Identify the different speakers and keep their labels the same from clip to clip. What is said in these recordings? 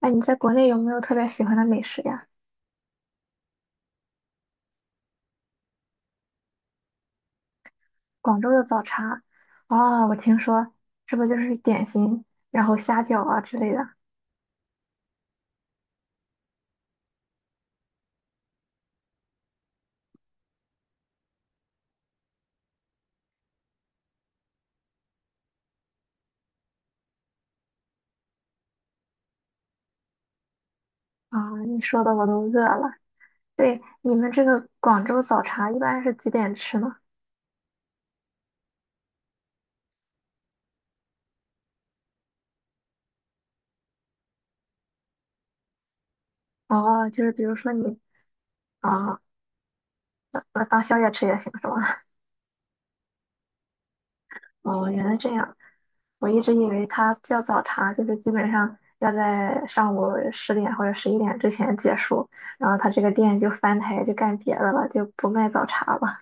Speaker 1: 哎，你在国内有没有特别喜欢的美食呀？广州的早茶，哦，我听说是不是就是点心，然后虾饺啊之类的啊？你说的我都饿了。对，你们这个广州早茶一般是几点吃呢？哦，就是比如说你啊，当宵夜吃也行是吗？哦，原来这样，我一直以为它叫早茶，就是基本上要在上午10点或者11点之前结束，然后它这个店就翻台就干别的了，就不卖早茶了。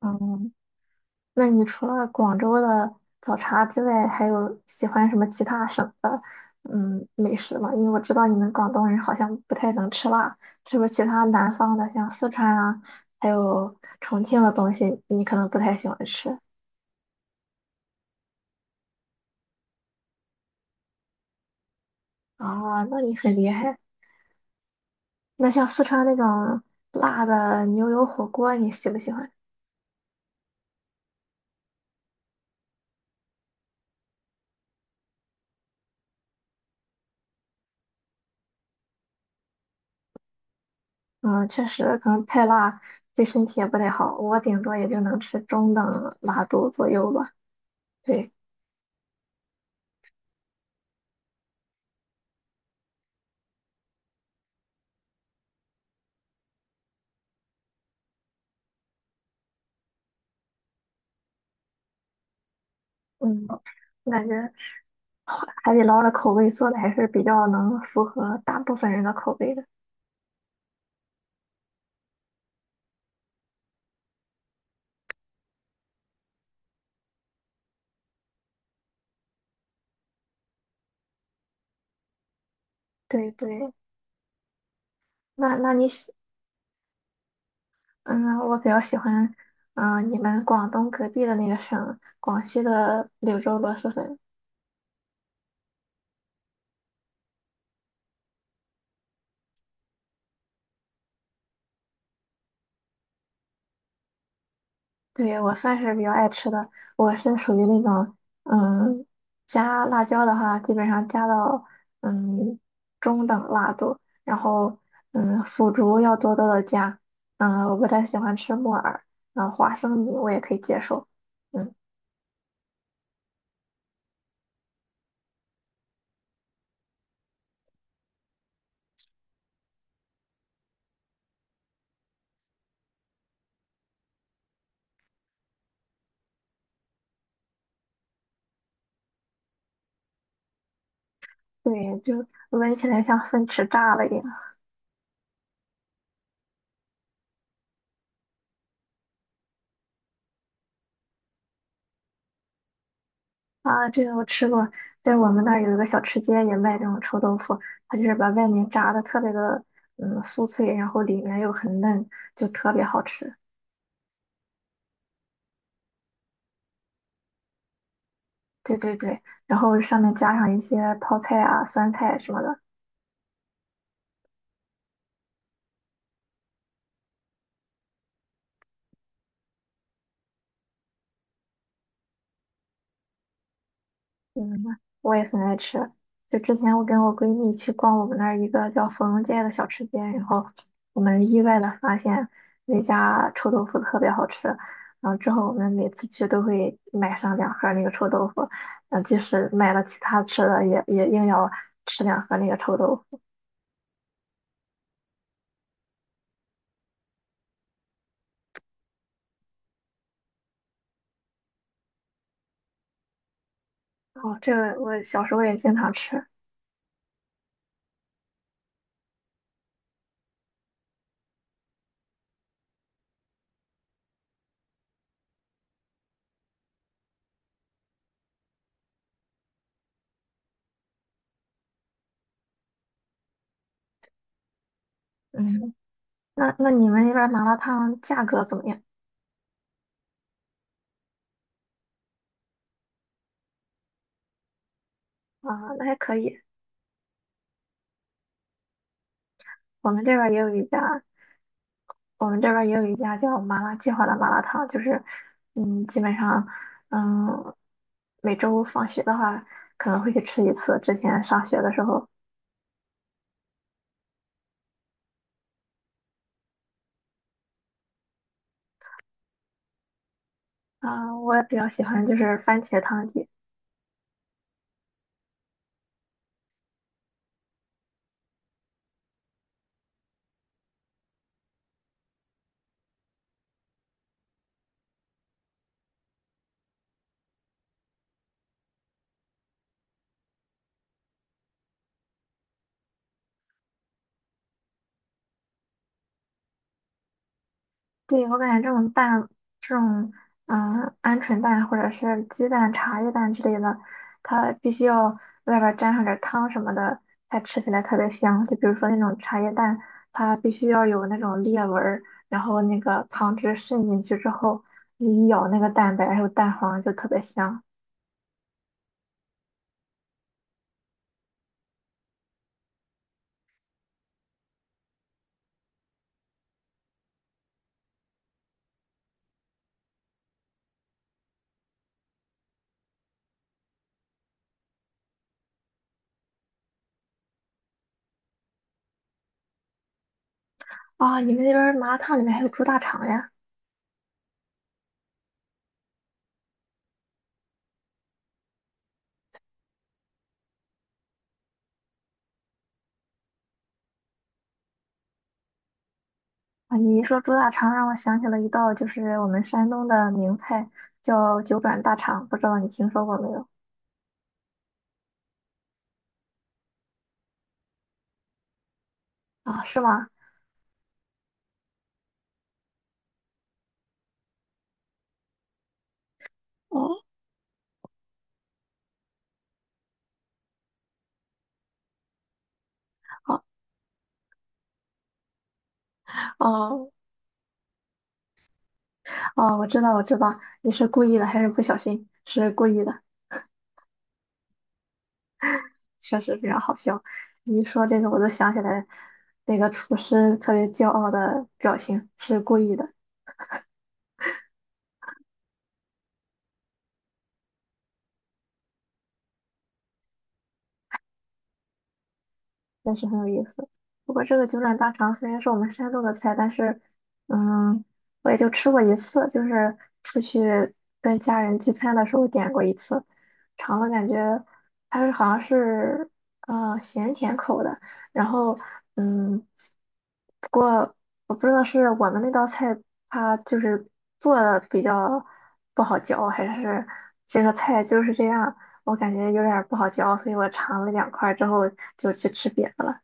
Speaker 1: 嗯。那你除了广州的早茶之外，还有喜欢什么其他省的美食吗？因为我知道你们广东人好像不太能吃辣，是不是其他南方的像四川啊，还有重庆的东西，你可能不太喜欢吃啊？那你很厉害。那像四川那种辣的牛油火锅，你喜不喜欢？嗯，确实可能太辣对身体也不太好，我顶多也就能吃中等辣度左右吧。对，嗯，我感觉，海底捞的口味做的还是比较能符合大部分人的口味的。对对，那那你喜，嗯，我比较喜欢，你们广东隔壁的那个省，广西的柳州螺蛳粉。对，我算是比较爱吃的，我是属于那种，嗯，加辣椒的话，基本上加到嗯中等辣度，然后腐竹要多多的加，我不太喜欢吃木耳，然后花生米我也可以接受。嗯。对，就闻起来像粪池炸了一样啊！这个我吃过，在我们那儿有一个小吃街也卖这种臭豆腐，它就是把外面炸的特别的酥脆，然后里面又很嫩，就特别好吃。对对对，然后上面加上一些泡菜啊、酸菜什么的，嗯，我也很爱吃。就之前我跟我闺蜜去逛我们那儿一个叫芙蓉街的小吃街，然后我们意外的发现那家臭豆腐特别好吃。然后之后我们每次去都会买上两盒那个臭豆腐，即使买了其他吃的也硬要吃两盒那个臭豆腐。哦，这个我小时候也经常吃。嗯，那你们那边麻辣烫价格怎么样？啊，那还可以，我们这边也有一家。我们这边儿也有一家叫麻辣计划的麻辣烫，就是，基本上，嗯，每周放学的话可能会去吃一次。之前上学的时候，啊、我也比较喜欢就是番茄汤底，对，我感觉这种蛋，这种鹌鹑蛋或者是鸡蛋、茶叶蛋之类的，它必须要外边儿沾上点儿汤什么的，才吃起来特别香。就比如说那种茶叶蛋，它必须要有那种裂纹儿，然后那个汤汁渗进去之后，你一咬那个蛋白还有蛋黄就特别香。啊、你们那边儿麻辣烫里面还有猪大肠呀？啊，你一说猪大肠，让我想起了一道就是我们山东的名菜，叫九转大肠，不知道你听说过没有？啊，是吗？哦，哦哦，哦，我知道，我知道，你是故意的还是不小心？是故意的，确实非常好笑。你一说这个，我就想起来那个厨师特别骄傲的表情，是故意的。真是很有意思。不过这个九转大肠虽然是我们山东的菜，但是，嗯，我也就吃过一次，就是出去跟家人聚餐的时候点过一次，尝了感觉它是好像是咸甜口的，然后嗯，不过我不知道是我们那道菜它就是做的比较不好嚼，还是这个菜就是这样，我感觉有点儿不好嚼，所以我尝了2块儿之后就去吃别的了。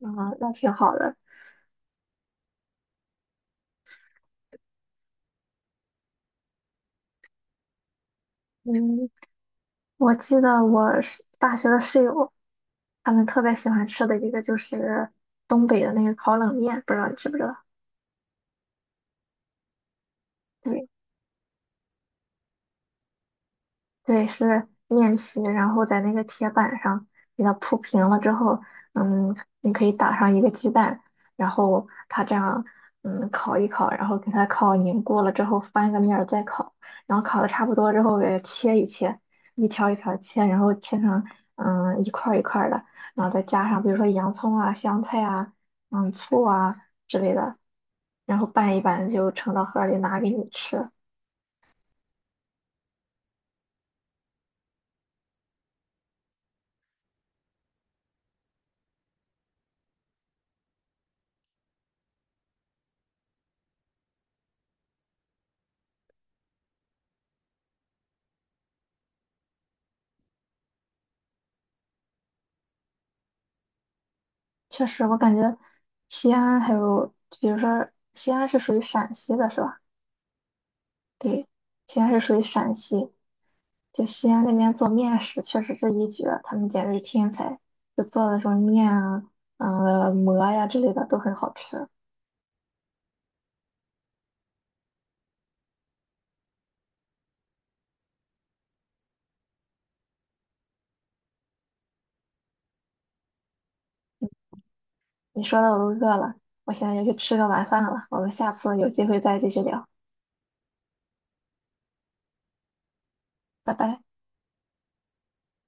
Speaker 1: 啊，那挺好的。嗯，我记得我是大学的室友，他们特别喜欢吃的一个就是东北的那个烤冷面，不知道你知不知道？对。对，是面皮，然后在那个铁板上给它铺平了之后，嗯，你可以打上一个鸡蛋，然后它这样，烤一烤，然后给它烤凝固了之后翻个面儿再烤，然后烤的差不多之后给它切一切，一条一条切，然后切成一块儿一块儿的，然后再加上比如说洋葱啊、香菜啊、醋啊之类的，然后拌一拌就盛到盒儿里拿给你吃。确实，我感觉西安还有，比如说西安是属于陕西的，是吧？对，西安是属于陕西，就西安那边做面食确实是一绝，他们简直是天才，就做的什么面啊、馍呀之类的都很好吃。你说的我都饿了，我现在要去吃个晚饭了，我们下次有机会再继续聊，拜拜。